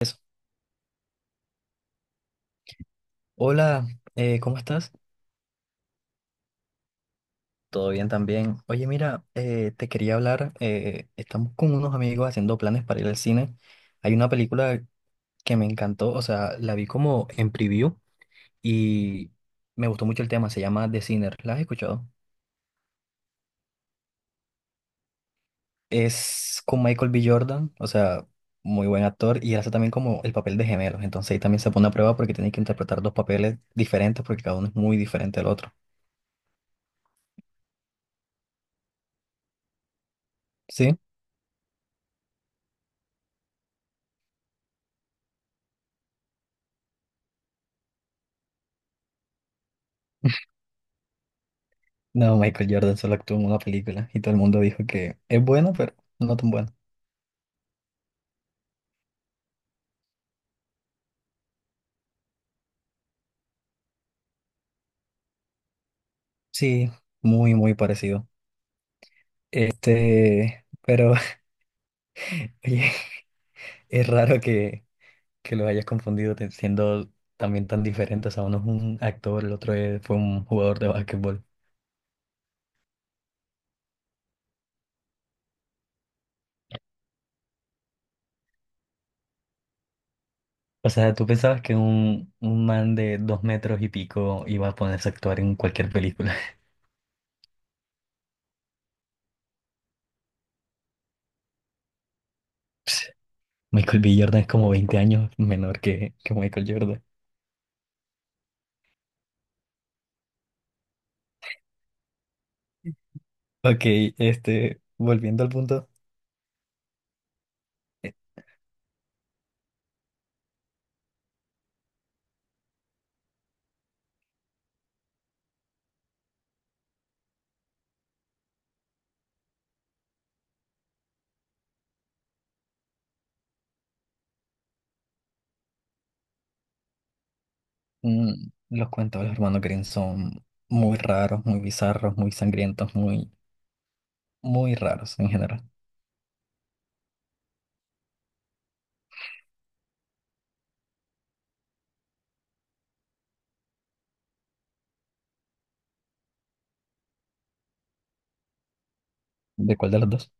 Eso. Hola, ¿cómo estás? ¿Todo bien también? Oye, mira, te quería hablar. Estamos con unos amigos haciendo planes para ir al cine. Hay una película que me encantó, o sea, la vi como en preview y me gustó mucho el tema. Se llama The Sinner. ¿La has escuchado? Es con Michael B. Jordan, o sea, muy buen actor y hace también como el papel de gemelos. Entonces ahí también se pone a prueba porque tiene que interpretar dos papeles diferentes porque cada uno es muy diferente al otro. ¿Sí? No, Michael Jordan solo actuó en una película y todo el mundo dijo que es bueno, pero no tan bueno. Sí, muy, muy parecido. Este, pero oye, es raro que los hayas confundido te- siendo también tan diferentes. O sea, uno es un actor, el otro es- fue un jugador de básquetbol. O sea, ¿tú pensabas que un man de dos metros y pico iba a ponerse a actuar en cualquier película? Michael B. Jordan es como 20 años menor que Michael Jordan. Ok, este, volviendo al punto. Mm, los cuentos de los hermanos Grimm son muy raros, muy bizarros, muy sangrientos, muy, muy raros en general. ¿De cuál de los dos?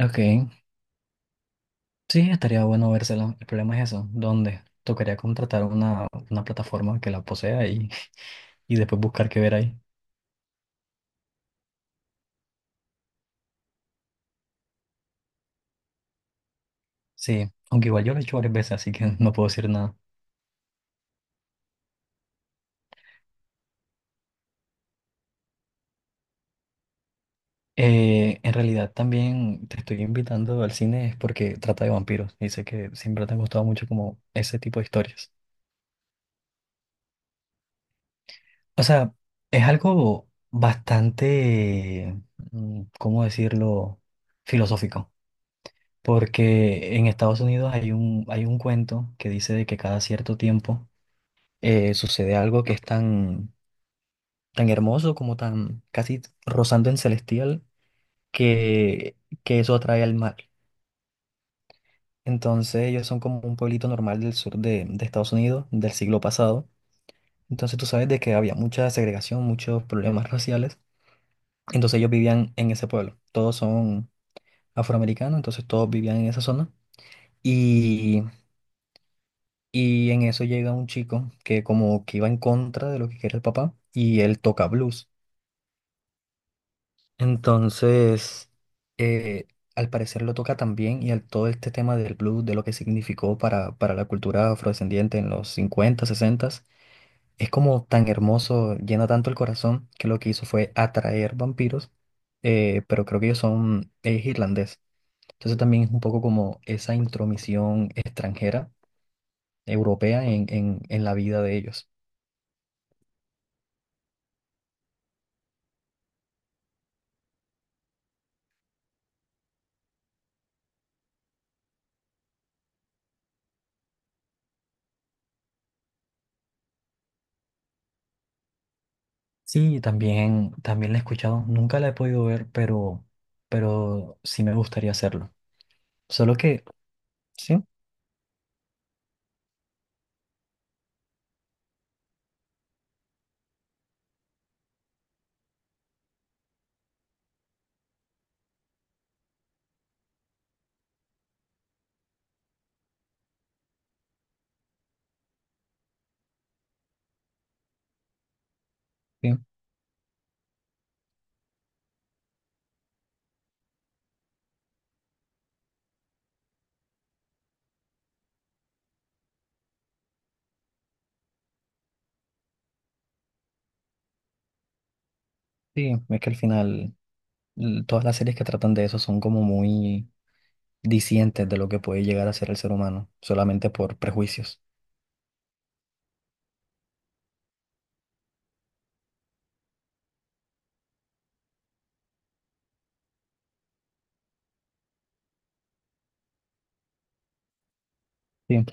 Ok, sí, estaría bueno vérselo. El problema es eso, ¿dónde? Tocaría contratar una plataforma que la posea y, y después buscar qué ver ahí. Sí, aunque igual yo lo he hecho varias veces, así que no puedo decir nada. En realidad también te estoy invitando al cine es porque trata de vampiros y sé que siempre te han gustado mucho como ese tipo de historias. O sea, es algo bastante, ¿cómo decirlo? Filosófico. Porque en Estados Unidos hay un cuento que dice de que cada cierto tiempo sucede algo que es tan, tan hermoso como tan casi rozando en celestial que, que eso atrae al mal. Entonces ellos son como un pueblito normal del sur de Estados Unidos del siglo pasado. Entonces tú sabes de que había mucha segregación, muchos problemas raciales. Entonces ellos vivían en ese pueblo. Todos son afroamericanos, entonces todos vivían en esa zona. Y, y en eso llega un chico que como que iba en contra de lo que quería el papá y él toca blues. Entonces, eh, al parecer lo toca también y al todo este tema del blues, de lo que significó para la cultura afrodescendiente en los cincuenta, 60, es como tan hermoso, llena tanto el corazón que lo que hizo fue atraer vampiros, pero creo que ellos son irlandeses. Entonces también es un poco como esa intromisión extranjera, europea, en la vida de ellos. Sí, también, también la he escuchado, nunca la he podido ver, pero sí me gustaría hacerlo. Solo que, sí, sí, sí, es que al final l- todas las series que tratan de eso son como muy discientes de lo que puede llegar a ser el ser humano, solamente por prejuicios. Sí,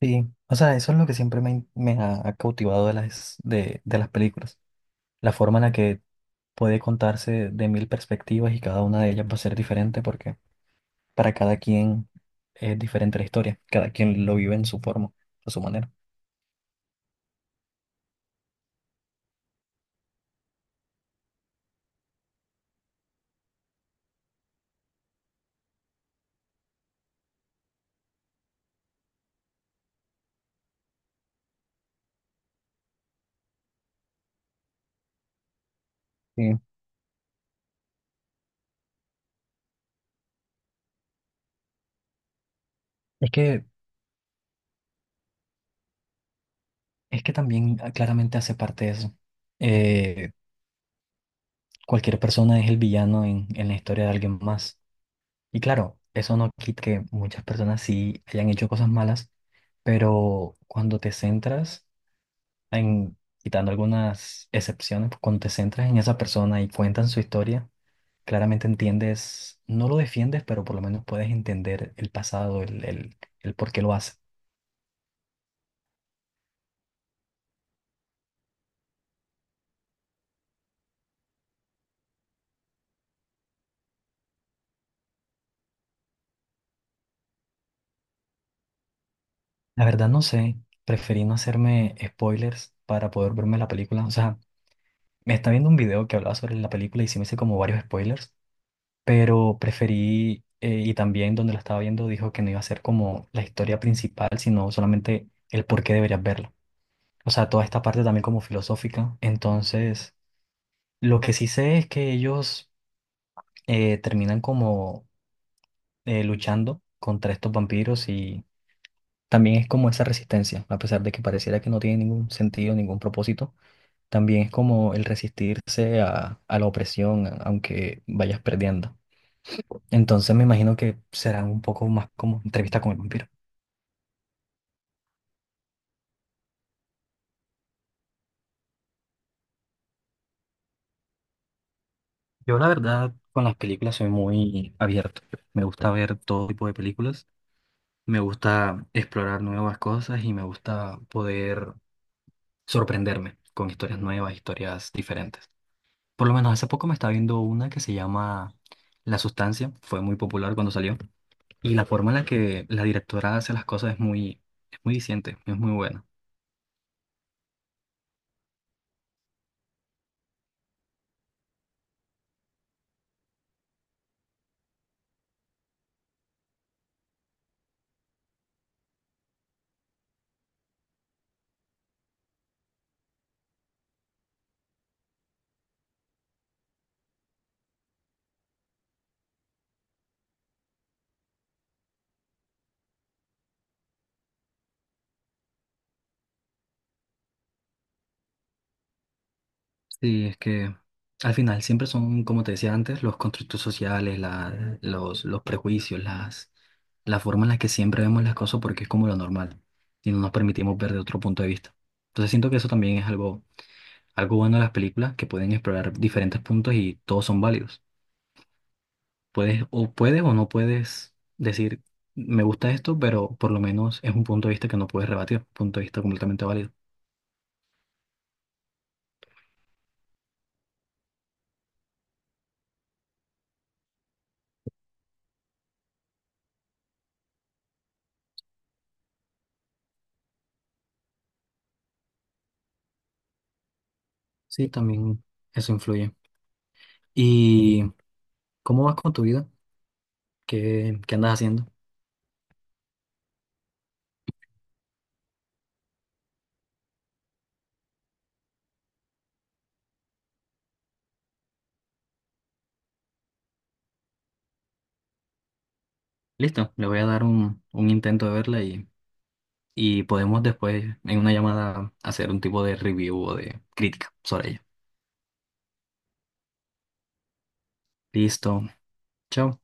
sí. O sea, eso es lo que siempre me, me ha, ha cautivado de las películas, la forma en la que puede contarse de mil perspectivas y cada una de ellas va a ser diferente porque para cada quien es diferente la historia, cada quien lo vive en su forma, a su manera. Sí. Es que, es que también ah, claramente hace parte de eso. Eh, Cualquier persona es el villano en la historia de alguien más. Y claro, eso no quita que muchas personas sí hayan hecho cosas malas, pero cuando te centras en, quitando algunas excepciones, cuando te centras en esa persona y cuentan su historia, claramente entiendes, no lo defiendes, pero por lo menos puedes entender el pasado, el por qué lo hace. La verdad no sé, preferí no hacerme spoilers para poder verme la película. O sea, me está viendo un video que hablaba sobre la película y sí me hice como varios spoilers, pero preferí, y también donde la estaba viendo dijo que no iba a ser como la historia principal, sino solamente el por qué deberías verla. O sea, toda esta parte también como filosófica. Entonces, lo que sí sé es que ellos terminan como luchando contra estos vampiros y también es como esa resistencia, a pesar de que pareciera que no tiene ningún sentido, ningún propósito, también es como el resistirse a la opresión, a- aunque vayas perdiendo. Entonces me imagino que será un poco más como entrevista con el vampiro. Yo la verdad con las películas soy muy abierto. Me gusta ver todo tipo de películas, me gusta explorar nuevas cosas y me gusta poder sorprenderme con historias nuevas, historias diferentes. Por lo menos hace poco me estaba viendo una que se llama La Sustancia, fue muy popular cuando salió, y la forma en la que la directora hace las cosas es muy diciente, es muy buena. Sí, es que al final siempre son, como te decía antes, los constructos sociales, la- los prejuicios, las, la forma en la que siempre vemos las cosas porque es como lo normal, y no nos permitimos ver de otro punto de vista. Entonces siento que eso también es algo, algo bueno de las películas, que pueden explorar diferentes puntos y todos son válidos. Puedes o puedes o no puedes decir, me gusta esto, pero por lo menos es un punto de vista que no puedes rebatir, un punto de vista completamente válido. Sí, también eso influye. ¿Y cómo vas con tu vida? ¿Qué, qué andas haciendo? Listo, le voy a dar un intento de verla y podemos después en una llamada hacer un tipo de review o de crítica sobre ella. Listo, chao.